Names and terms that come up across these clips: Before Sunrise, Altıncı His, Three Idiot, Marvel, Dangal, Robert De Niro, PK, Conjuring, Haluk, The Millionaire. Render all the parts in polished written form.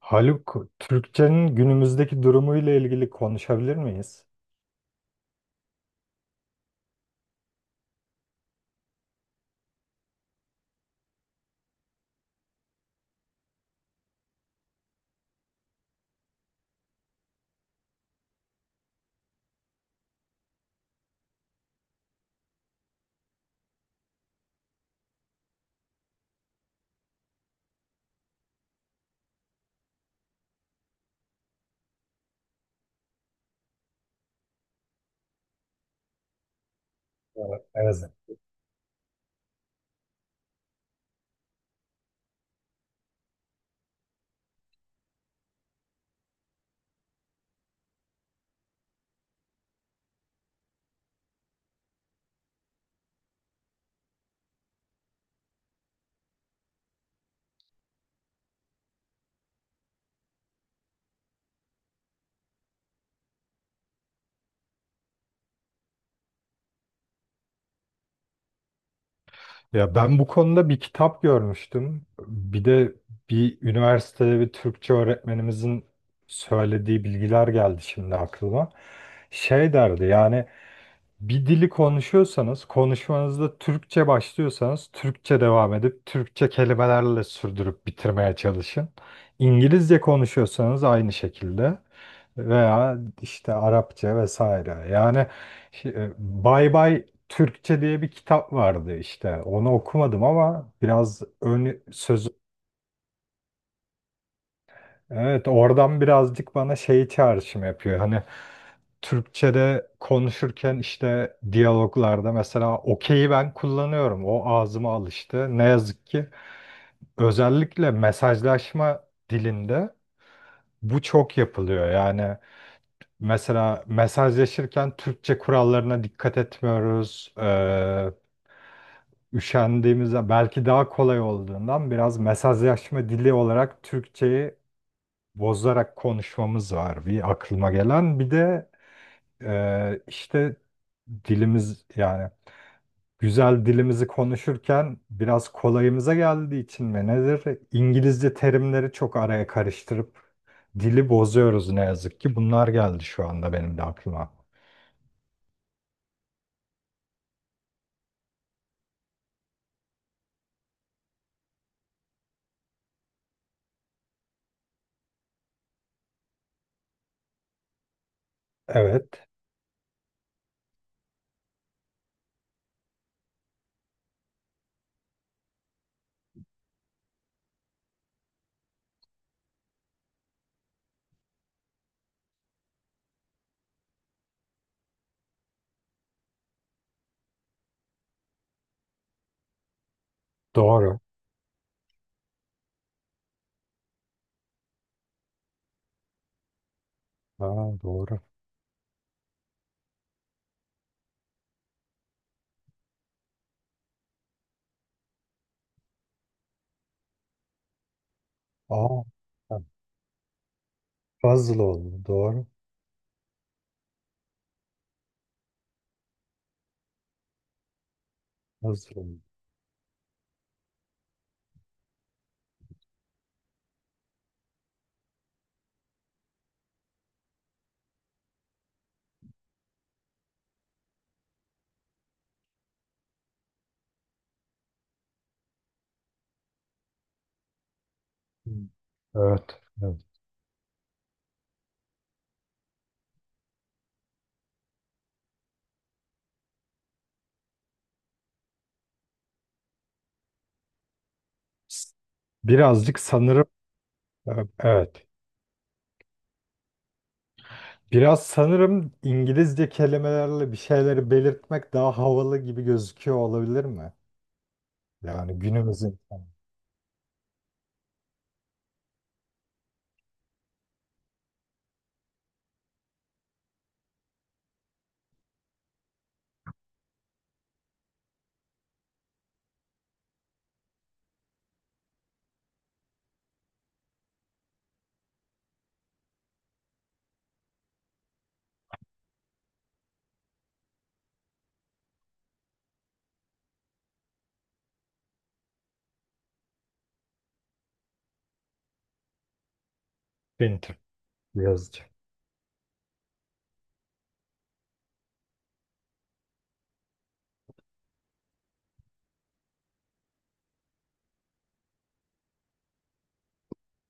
Haluk, Türkçenin günümüzdeki durumuyla ilgili konuşabilir miyiz? Evet, evet. Ya ben bu konuda bir kitap görmüştüm. Bir de üniversitede bir Türkçe öğretmenimizin söylediği bilgiler geldi şimdi aklıma. Şey derdi, yani bir dili konuşuyorsanız, konuşmanızda Türkçe başlıyorsanız Türkçe devam edip Türkçe kelimelerle sürdürüp bitirmeye çalışın. İngilizce konuşuyorsanız aynı şekilde, veya işte Arapça vesaire. Yani bye bay Türkçe diye bir kitap vardı işte. Onu okumadım, ama biraz ön söz. Evet, oradan birazcık bana şey çağrışım yapıyor. Hani Türkçe'de konuşurken işte diyaloglarda mesela okey'i ben kullanıyorum. O ağzıma alıştı. Ne yazık ki özellikle mesajlaşma dilinde bu çok yapılıyor. Yani mesela mesajlaşırken Türkçe kurallarına dikkat etmiyoruz. Üşendiğimizde belki daha kolay olduğundan biraz mesajlaşma dili olarak Türkçe'yi bozarak konuşmamız var, bir aklıma gelen. Bir de işte dilimiz, yani güzel dilimizi konuşurken biraz kolayımıza geldiği için mi nedir, İngilizce terimleri çok araya karıştırıp dili bozuyoruz ne yazık ki. Bunlar geldi şu anda benim de aklıma. Evet, doğru. Aa, doğru. Aa, ha, puzzle oldu, doğru. Puzzle oldu. Hı. Evet, evet. S- Birazcık sanırım, e, evet. Biraz sanırım İngilizce kelimelerle bir şeyleri belirtmek daha havalı gibi gözüküyor, olabilir mi? Yani günümüz insanı. Printer, yazıcı.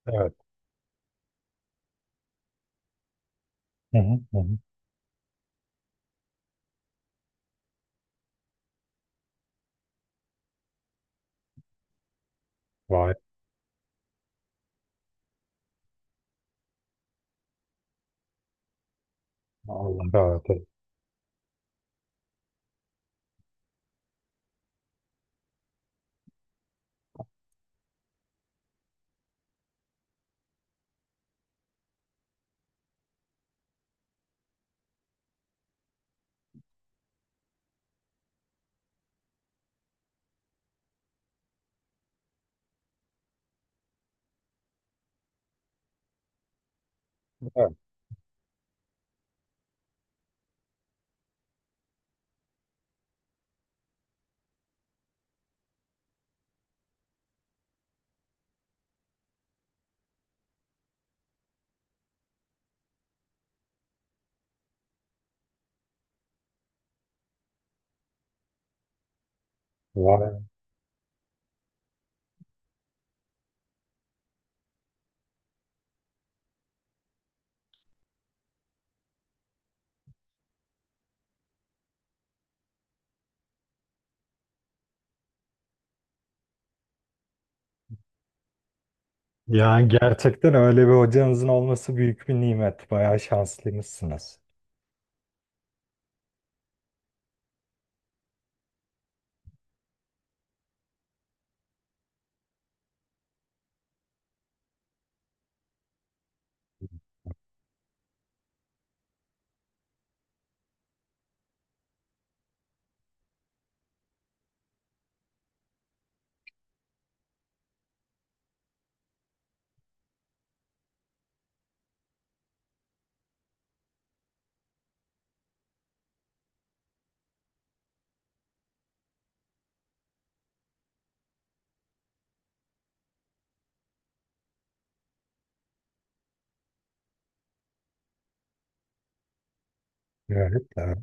Evet. Hı hı, hı hı. Vay. Allah rahat eylesin. Evet. Vay. Yani gerçekten öyle bir hocanızın olması büyük bir nimet. Bayağı şanslıymışsınız. Evet. Evet.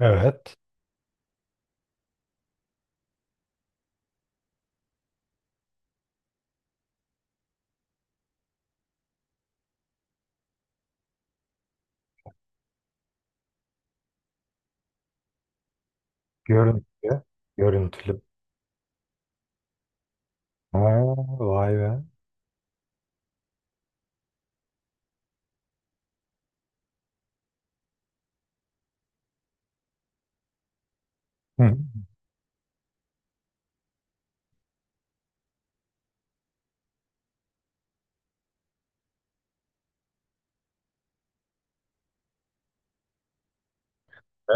Evet. Görüntülü. Görüntülü. Ha, vay be. Hı.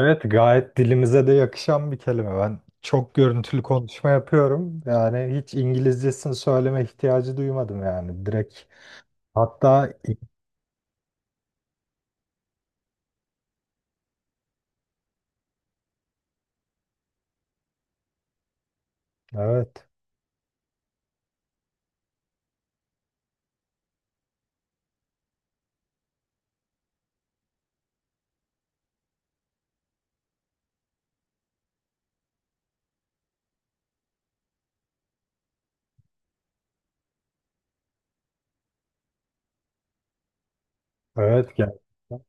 Evet, gayet dilimize de yakışan bir kelime. Ben çok görüntülü konuşma yapıyorum. Yani hiç İngilizcesini söyleme ihtiyacı duymadım yani. Direkt, hatta evet, evet, gerçekten.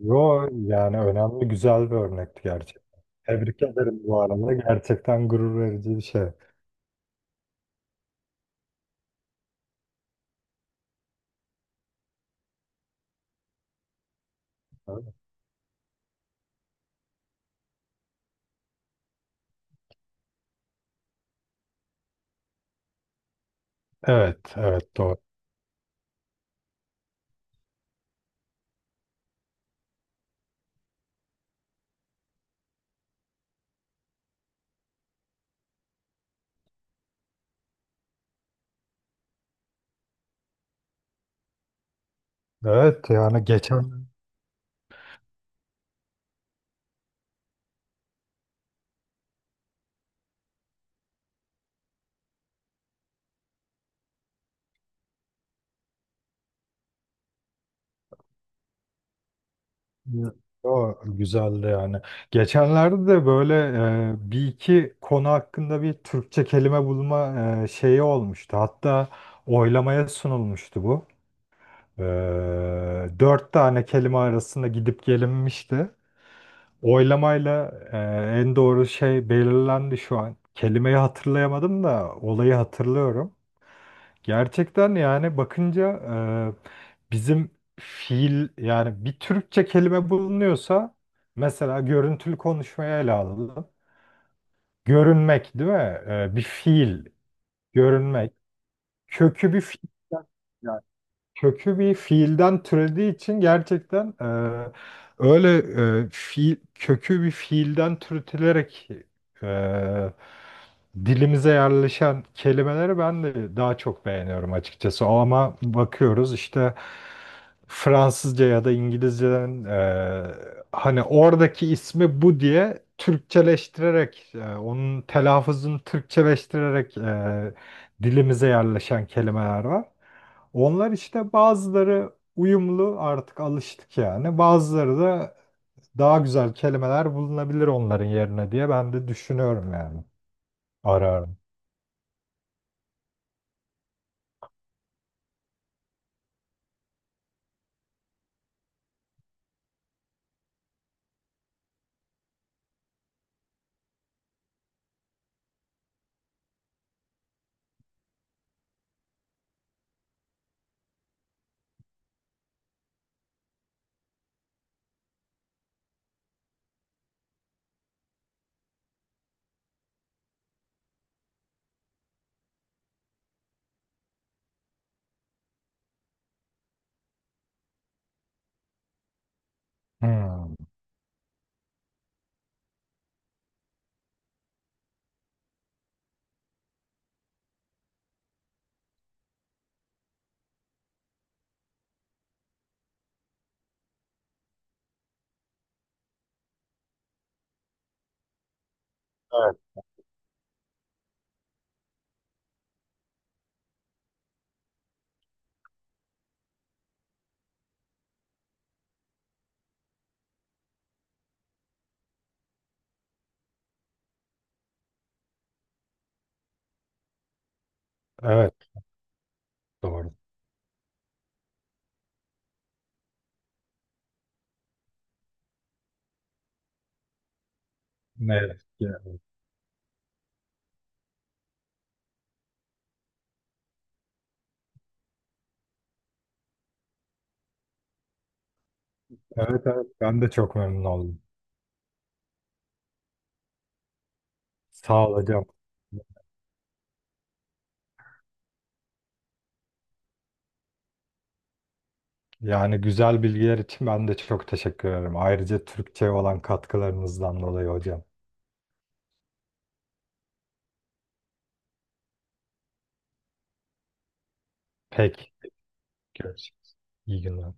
Yo, yani önemli, güzel bir örnekti gerçekten. Tebrik ederim bu arada. Gerçekten gurur verici bir şey. Evet, evet doğru. Evet yani geçen. Evet. O güzeldi yani. Geçenlerde de böyle bir iki konu hakkında bir Türkçe kelime bulma şeyi olmuştu. Hatta oylamaya sunulmuştu bu. E, Dört tane kelime arasında gidip gelinmişti. Oylamayla, en doğru şey belirlendi şu an. Kelimeyi hatırlayamadım da olayı hatırlıyorum. Gerçekten yani bakınca bizim fiil, yani bir Türkçe kelime bulunuyorsa mesela görüntülü konuşmaya ele alalım. Görünmek değil mi? Bir fiil, görünmek. Kökü bir fiil kökü bir fiilden türediği için gerçekten, öyle fiil, kökü bir fiilden türetilerek e, dilimize yerleşen kelimeleri ben de daha çok beğeniyorum açıkçası. Ama bakıyoruz işte Fransızca ya da İngilizceden, hani oradaki ismi bu diye Türkçeleştirerek, onun telaffuzunu Türkçeleştirerek, dilimize yerleşen kelimeler var. Onlar işte, bazıları uyumlu, artık alıştık yani. Bazıları da daha güzel kelimeler bulunabilir onların yerine diye ben de düşünüyorum yani. Ararım. Hmm. Evet. Evet doğru. Evet. Evet, evet ben de çok memnun oldum. Sağ ol hocam. Yani güzel bilgiler için ben de çok teşekkür ederim. Ayrıca Türkçe olan katkılarınızdan dolayı hocam. Peki. Görüşürüz. İyi günler.